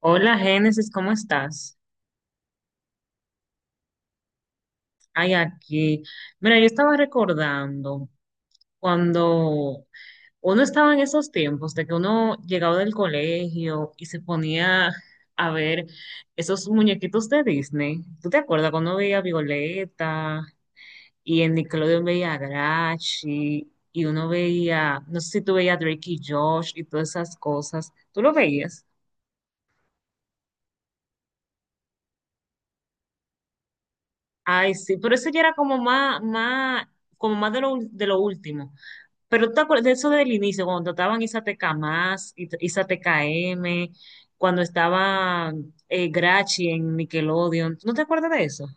Hola, Génesis, ¿cómo estás? Ay, aquí. Mira, yo estaba recordando cuando uno estaba en esos tiempos de que uno llegaba del colegio y se ponía a ver esos muñequitos de Disney. ¿Tú te acuerdas cuando uno veía a Violeta y en Nickelodeon veía a Grachi y uno veía, no sé si tú veías a Drake y Josh y todas esas cosas? ¿Tú lo veías? Ay, sí, pero eso ya era como como más de lo, de lo último. Pero tú te acuerdas de eso del inicio, cuando estaban Isateca Más, Isateca M, cuando estaba Grachi en Nickelodeon. ¿No te acuerdas de eso?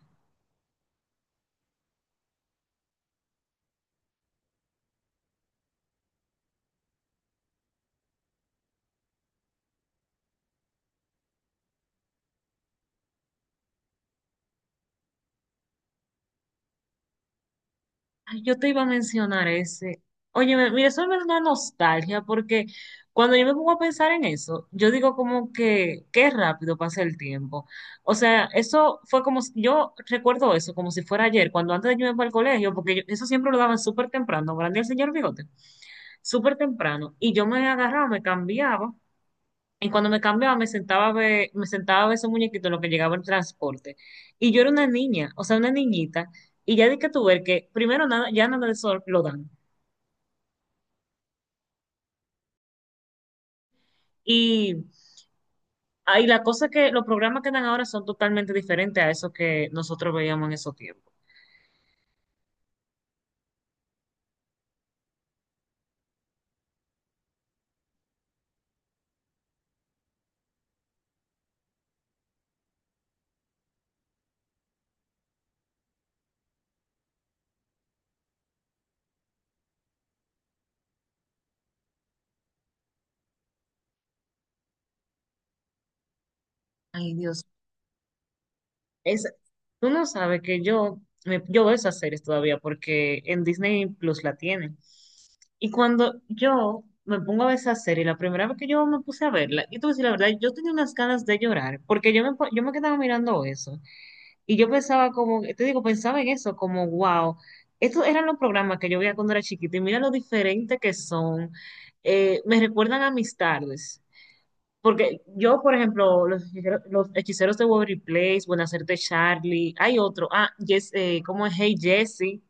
Ay, yo te iba a mencionar ese. Oye, mira, eso me da una nostalgia porque cuando yo me pongo a pensar en eso, yo digo como que qué rápido pasa el tiempo. O sea, eso fue como, yo recuerdo eso como si fuera ayer, cuando antes de yo irme para el colegio, porque eso siempre lo daban súper temprano, grande el señor Bigote, súper temprano. Y yo me agarraba, me cambiaba. Y cuando me cambiaba, me sentaba a ver esos muñequitos en lo que llegaba el transporte. Y yo era una niña, o sea, una niñita. Y ya di que tú ver que primero nada, ya nada de eso lo dan. Y ahí la cosa que los programas que dan ahora son totalmente diferentes a eso que nosotros veíamos en esos tiempos. Ay, Dios. Es, uno sabe que yo, yo veo esas series todavía porque en Disney Plus la tienen. Y cuando yo me pongo a ver esa serie, la primera vez que yo me puse a verla, y tú decir la verdad, yo tenía unas ganas de llorar, porque yo me, yo me quedaba mirando eso. Y yo pensaba como, te digo, pensaba en eso, como, wow, estos eran los programas que yo veía cuando era chiquita, y mira lo diferente que son. Me recuerdan a mis tardes. Porque yo, por ejemplo, los hechiceros de Waverly Place, Buenacerte Charlie, hay otro, ah, yes, ¿cómo es? Hey Jessie,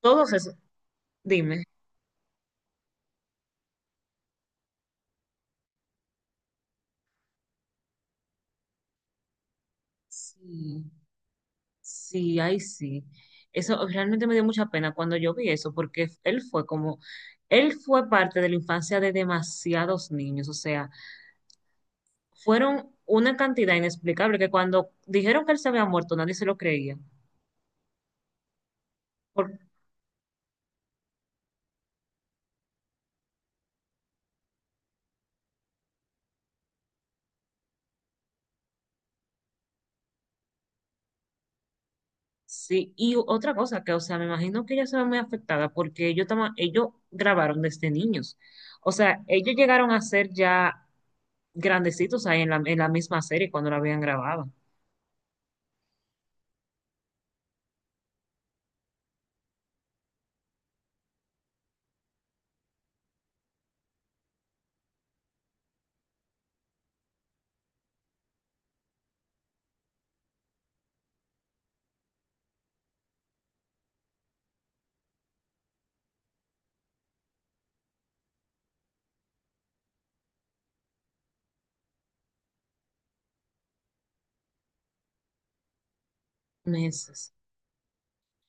todos esos, dime. Sí, sí, ay, sí. Eso realmente me dio mucha pena cuando yo vi eso, porque él fue como, él fue parte de la infancia de demasiados niños, o sea, fueron una cantidad inexplicable que cuando dijeron que él se había muerto, nadie se lo creía. Sí, y otra cosa que, o sea, me imagino que ella se ve muy afectada porque ellos, ellos grabaron desde niños. O sea, ellos llegaron a ser ya grandecitos ahí en en la misma serie cuando la habían grabado. Meses.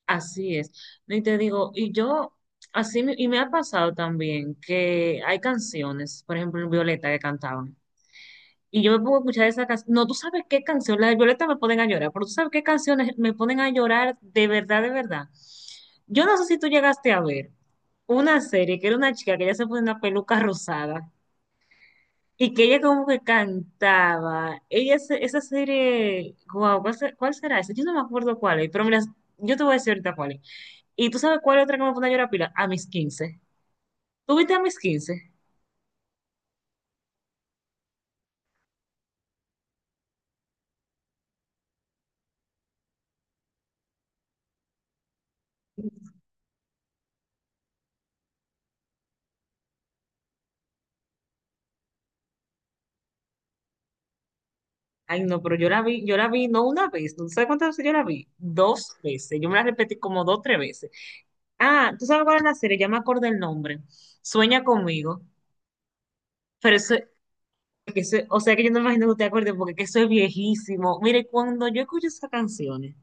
Así es. No. Y te digo, y yo, así, y me ha pasado también que hay canciones, por ejemplo, en Violeta que cantaban. Y yo me pongo a escuchar esa canción. No, tú sabes qué canción, la de Violeta me ponen a llorar, pero tú sabes qué canciones me ponen a llorar de verdad, de verdad. Yo no sé si tú llegaste a ver una serie que era una chica que ella se ponía una peluca rosada y que ella como que cantaba. Ella, esa serie, wow, ¿cuál será esa? Yo no me acuerdo cuál es, pero mira, yo te voy a decir ahorita cuál es. ¿Y tú sabes cuál es otra que me pone a llorar pila? A mis 15. ¿Tuviste a mis quince? Ay, no, pero yo la vi no una vez, no sé cuántas veces yo la vi, dos veces, yo me la repetí como dos, tres veces. Ah, ¿tú sabes cuál es la serie? Ya me acordé el nombre, Sueña conmigo, pero eso, o sea que yo no me imagino que usted acuerde porque que eso es viejísimo. Mire, cuando yo escucho esas canciones,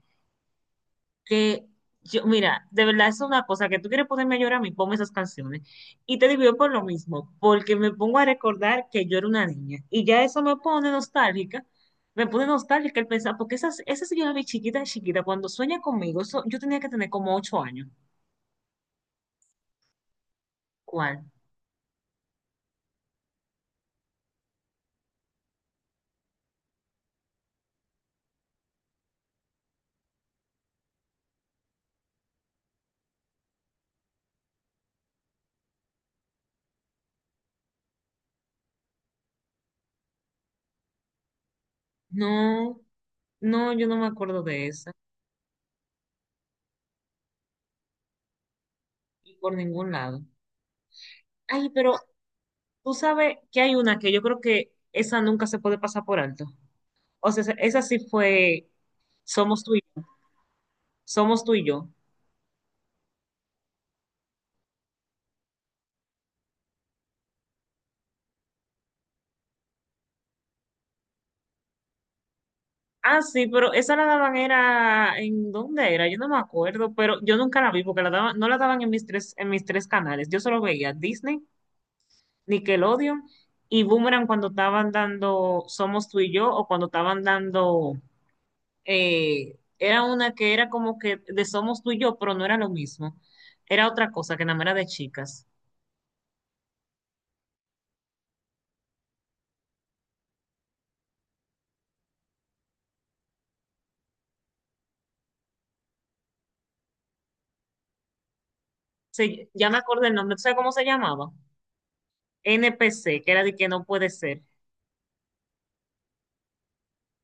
que yo, mira, de verdad es una cosa que tú quieres ponerme a llorar a mí, ponme esas canciones. Y te digo yo por lo mismo, porque me pongo a recordar que yo era una niña. Y ya eso me pone nostálgica el pensar, porque esas yo la vi chiquita, chiquita, cuando sueña conmigo, eso, yo tenía que tener como 8 años. ¿Cuál? No, no, yo no me acuerdo de esa, y por ningún lado. Ay, pero tú sabes que hay una que yo creo que esa nunca se puede pasar por alto. O sea, esa sí fue Somos tú y yo. Somos tú y yo. Ah, sí, pero esa la daban era, ¿en dónde era? Yo no me acuerdo, pero yo nunca la vi porque la daban, no la daban en en mis tres canales. Yo solo veía Disney, Nickelodeon y Boomerang cuando estaban dando Somos tú y yo o cuando estaban dando, era una que era como que de Somos tú y yo, pero no era lo mismo. Era otra cosa que nada más era de chicas. Sí, ya me acordé el nombre, ¿tú sabes cómo se llamaba? NPC, que era de que no puede ser.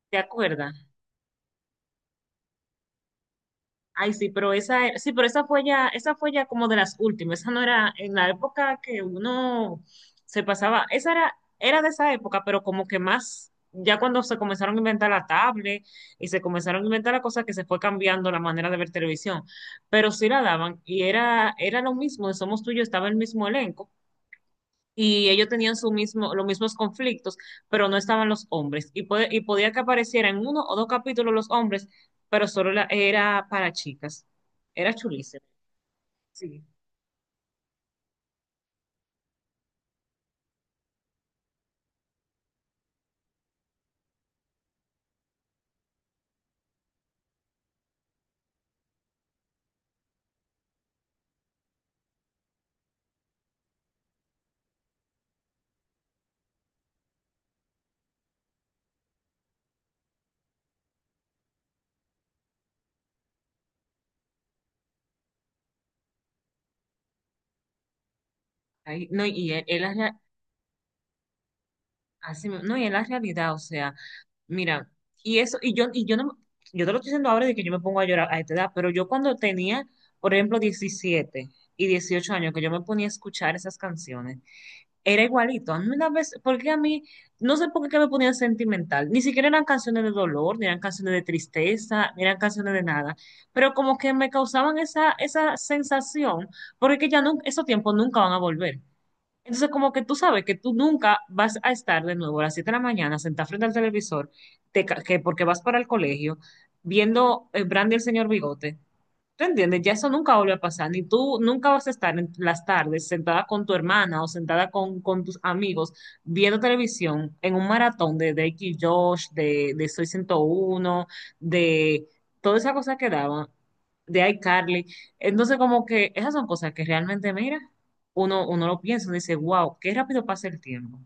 ¿Te acuerdas? Ay, sí, pero esa, sí, pero esa fue ya como de las últimas. Esa no era en la época que uno se pasaba, esa era, era de esa época, pero como que más, ya cuando se comenzaron a inventar la tablet y se comenzaron a inventar la cosa que se fue cambiando la manera de ver televisión. Pero sí la daban, y era, era lo mismo, de Somos Tuyos, estaba el mismo elenco y ellos tenían su mismo, los mismos conflictos, pero no estaban los hombres. Y, y podía que aparecieran en uno o dos capítulos los hombres, pero solo era para chicas. Era chulísimo. Sí. No, y él es la, no, y es la realidad, o sea, mira, y eso, y yo no, yo te lo estoy diciendo ahora de que yo me pongo a llorar a esta edad, pero yo cuando tenía, por ejemplo, 17 y 18 años, que yo me ponía a escuchar esas canciones. Era igualito. A mí una vez, porque a mí, no sé por qué me ponía sentimental. Ni siquiera eran canciones de dolor, ni eran canciones de tristeza, ni eran canciones de nada. Pero como que me causaban esa sensación, porque que ya no, esos tiempos nunca van a volver. Entonces, como que tú sabes que tú nunca vas a estar de nuevo a las 7 de la mañana sentada frente al televisor, que porque vas para el colegio, viendo Brandy el señor Bigote. ¿Tú entiendes? Ya eso nunca vuelve a pasar, ni tú nunca vas a estar en las tardes sentada con tu hermana o sentada con tus amigos viendo televisión en un maratón de Drake y Josh, de Soy 101, de toda esa cosa que daban, de iCarly. Entonces, como que esas son cosas que realmente, mira, uno lo piensa, uno dice, wow, qué rápido pasa el tiempo.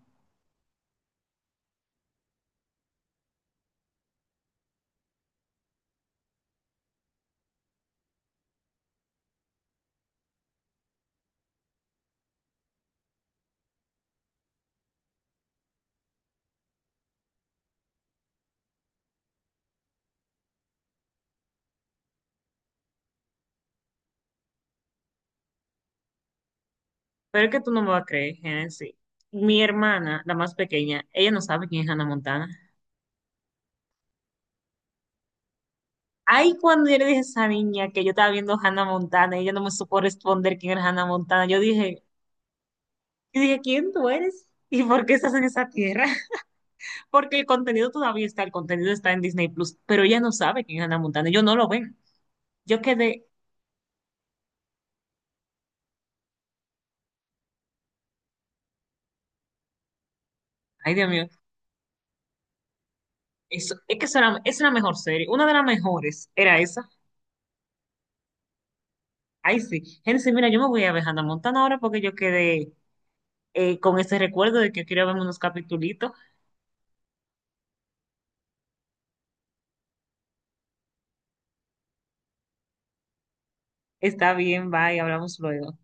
Pero es que tú no me vas a creer, Genesis. Mi hermana, la más pequeña, ella no sabe quién es Hannah Montana. Ay, cuando yo le dije a esa niña que yo estaba viendo Hannah Montana y ella no me supo responder quién era Hannah Montana, yo dije, ¿quién tú eres? ¿Y por qué estás en esa tierra? Porque el contenido todavía está, el contenido está en Disney Plus, pero ella no sabe quién es Hannah Montana, yo no lo ven. Yo quedé, ay Dios mío, eso, es que eso era, esa era la mejor serie, una de las mejores era esa. Ay, sí. Génesis, mira, yo me voy a ver Hannah Montana ahora porque yo quedé con ese recuerdo de que quiero ver unos capitulitos. Está bien, bye, hablamos luego.